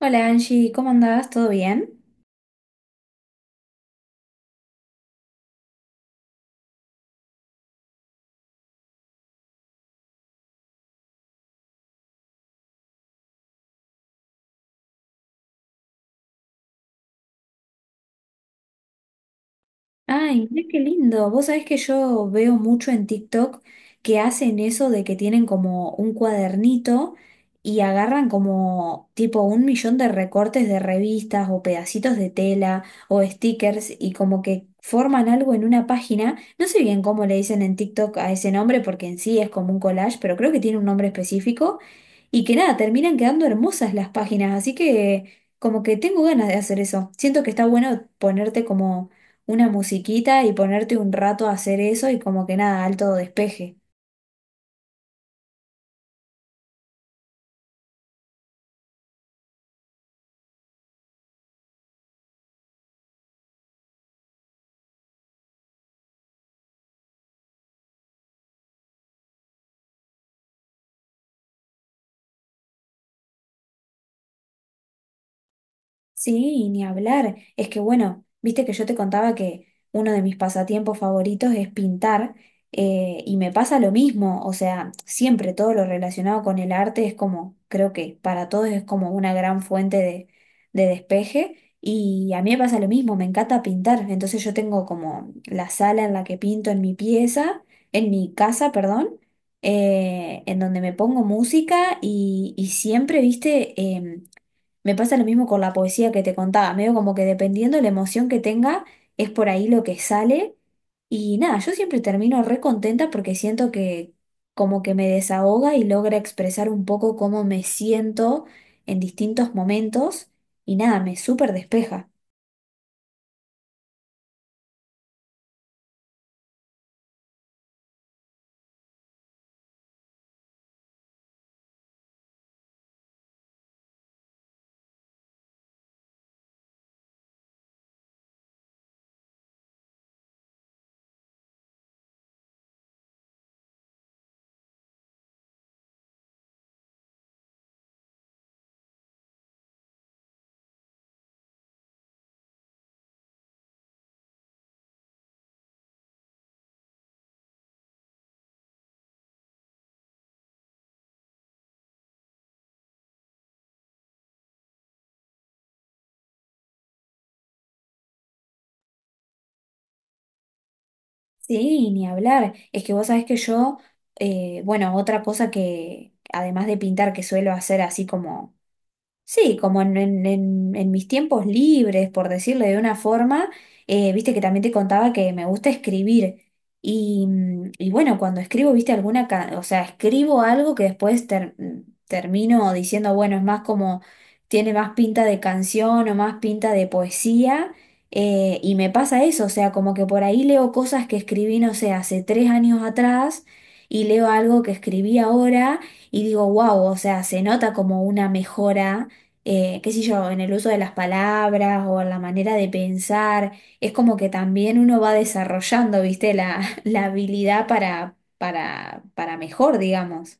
Hola Angie, ¿cómo andás? ¿Todo bien? Ay, mira qué lindo. Vos sabés que yo veo mucho en TikTok que hacen eso de que tienen como un cuadernito y agarran como tipo un millón de recortes de revistas o pedacitos de tela o stickers y como que forman algo en una página. No sé bien cómo le dicen en TikTok a ese nombre porque en sí es como un collage, pero creo que tiene un nombre específico y que nada, terminan quedando hermosas las páginas. Así que como que tengo ganas de hacer eso. Siento que está bueno ponerte como una musiquita y ponerte un rato a hacer eso y como que nada, alto despeje. Sí, ni hablar. Es que bueno, viste que yo te contaba que uno de mis pasatiempos favoritos es pintar, y me pasa lo mismo, o sea, siempre todo lo relacionado con el arte es como, creo que para todos es como una gran fuente de despeje y a mí me pasa lo mismo, me encanta pintar, entonces yo tengo como la sala en la que pinto en mi pieza, en mi casa, perdón, en donde me pongo música y siempre, viste, me pasa lo mismo con la poesía que te contaba, medio como que dependiendo de la emoción que tenga, es por ahí lo que sale. Y nada, yo siempre termino re contenta porque siento que como que me desahoga y logra expresar un poco cómo me siento en distintos momentos. Y nada, me súper despeja. Sí, ni hablar. Es que vos sabés que yo, bueno, otra cosa que, además de pintar, que suelo hacer así como sí, como en mis tiempos libres, por decirle de una forma, viste que también te contaba que me gusta escribir. Y, y bueno, cuando escribo, viste o sea, escribo algo que después termino diciendo, bueno, es más como, tiene más pinta de canción o más pinta de poesía. Eh, y me pasa eso, o sea, como que por ahí leo cosas que escribí, no sé, hace 3 años atrás y leo algo que escribí ahora y digo, wow, o sea, se nota como una mejora, qué sé yo, en el uso de las palabras o en la manera de pensar. Es como que también uno va desarrollando, viste, la, la habilidad para mejor, digamos.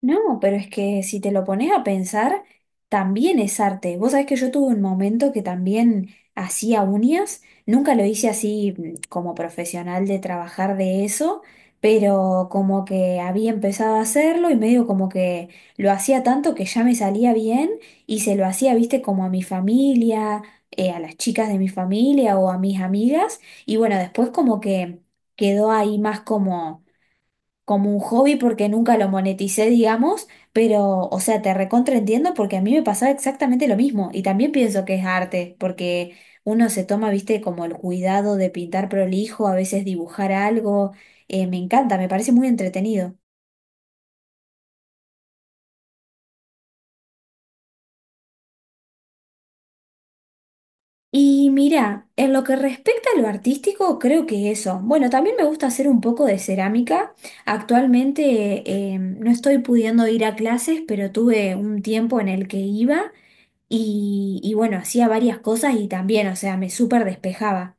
No, pero es que si te lo pones a pensar, también es arte. Vos sabés que yo tuve un momento que también hacía uñas, nunca lo hice así como profesional de trabajar de eso, pero como que había empezado a hacerlo y medio como que lo hacía tanto que ya me salía bien y se lo hacía, viste, como a mi familia, a las chicas de mi familia o a mis amigas y bueno, después como que quedó ahí más como como un hobby porque nunca lo moneticé, digamos, pero, o sea, te recontraentiendo porque a mí me pasaba exactamente lo mismo y también pienso que es arte, porque uno se toma, viste, como el cuidado de pintar prolijo, a veces dibujar algo, me encanta, me parece muy entretenido. Y mira, en lo que respecta a lo artístico, creo que eso. Bueno, también me gusta hacer un poco de cerámica. Actualmente no estoy pudiendo ir a clases, pero tuve un tiempo en el que iba. Y bueno, hacía varias cosas y también, o sea, me súper despejaba.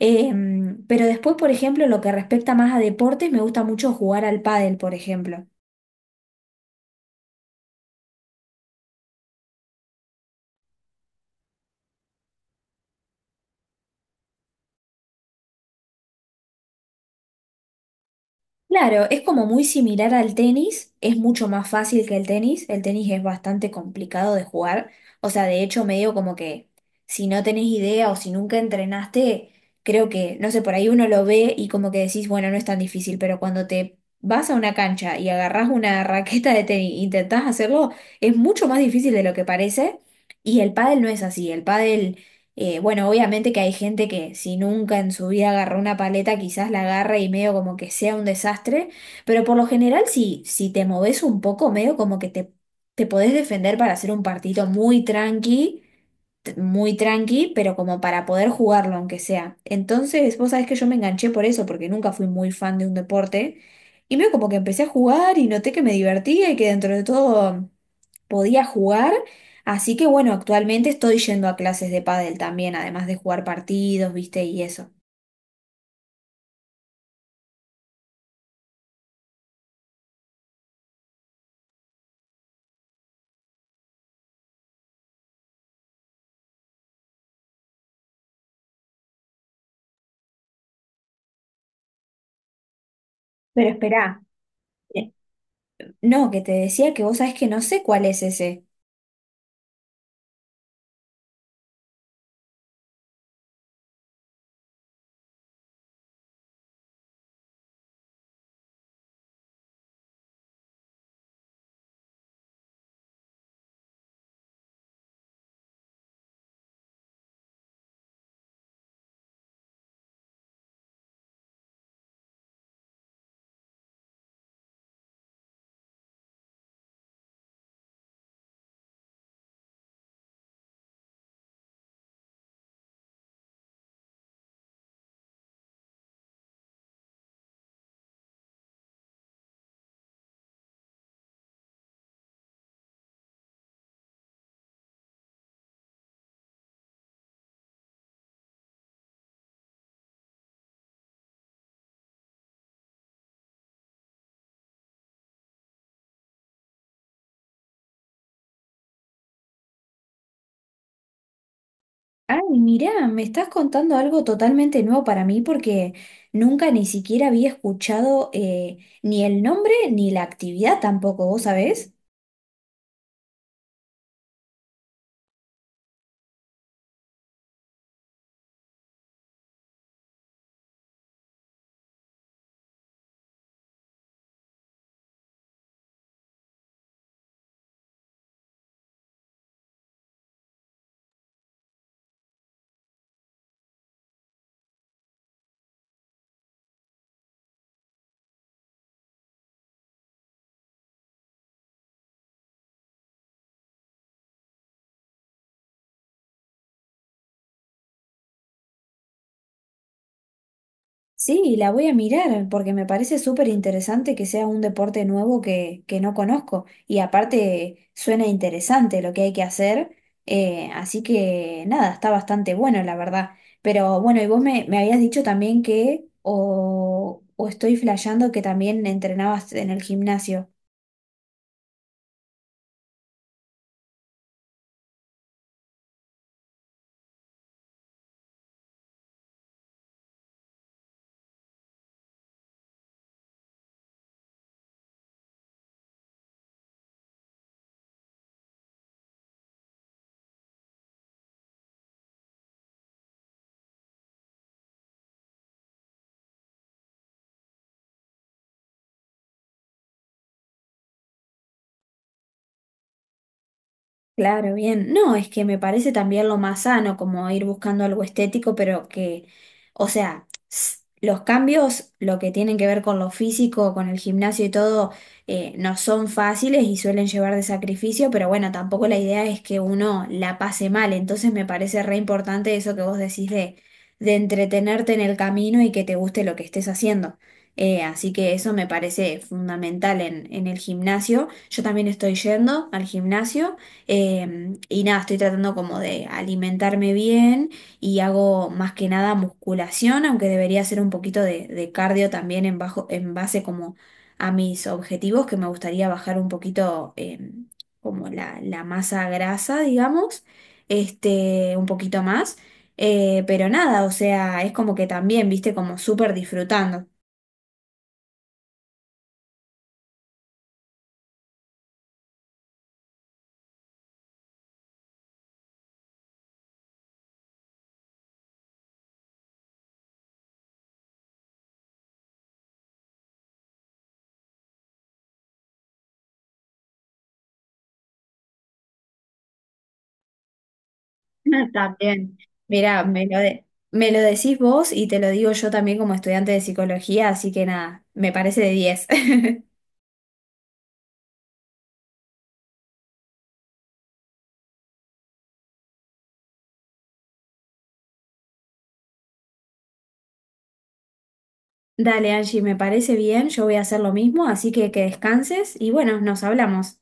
Pero después, por ejemplo, lo que respecta más a deportes, me gusta mucho jugar al pádel, por ejemplo. Claro, es como muy similar al tenis, es mucho más fácil que el tenis es bastante complicado de jugar, o sea, de hecho medio como que si no tenés idea o si nunca entrenaste, creo que, no sé, por ahí uno lo ve y como que decís, bueno, no es tan difícil, pero cuando te vas a una cancha y agarrás una raqueta de tenis, e intentás hacerlo, es mucho más difícil de lo que parece y el pádel no es así, el pádel bueno, obviamente que hay gente que si nunca en su vida agarró una paleta, quizás la agarra y medio como que sea un desastre, pero por lo general si, si te moves un poco, medio como que te podés defender para hacer un partido muy tranqui, muy tranqui, pero como para poder jugarlo aunque sea. Entonces, vos sabés que yo me enganché por eso, porque nunca fui muy fan de un deporte, y medio como que empecé a jugar y noté que me divertía y que dentro de todo podía jugar. Así que bueno, actualmente estoy yendo a clases de pádel también, además de jugar partidos, viste, y eso. Pero esperá, eh, no, que te decía que vos sabés que no sé cuál es ese. Ay, mirá, me estás contando algo totalmente nuevo para mí porque nunca ni siquiera había escuchado, ni el nombre ni la actividad tampoco, ¿vos sabés? Sí, la voy a mirar porque me parece súper interesante que sea un deporte nuevo que no conozco y aparte suena interesante lo que hay que hacer, así que nada, está bastante bueno la verdad. Pero bueno, y vos me, me habías dicho también que o estoy flasheando que también entrenabas en el gimnasio. Claro, bien. No, es que me parece también lo más sano, como ir buscando algo estético, pero que, o sea, los cambios, lo que tienen que ver con lo físico, con el gimnasio y todo, no son fáciles y suelen llevar de sacrificio, pero bueno, tampoco la idea es que uno la pase mal. Entonces me parece re importante eso que vos decís de entretenerte en el camino y que te guste lo que estés haciendo. Así que eso me parece fundamental en el gimnasio. Yo también estoy yendo al gimnasio. Y nada, estoy tratando como de alimentarme bien y hago más que nada musculación, aunque debería hacer un poquito de cardio también en bajo, en base como a mis objetivos, que me gustaría bajar un poquito, como la masa grasa, digamos, este, un poquito más. Pero nada, o sea, es como que también, viste, como súper disfrutando. También, mira, me lo decís vos y te lo digo yo también como estudiante de psicología, así que nada, me parece de diez. Dale, Angie, me parece bien, yo voy a hacer lo mismo, así que descanses y bueno, nos hablamos.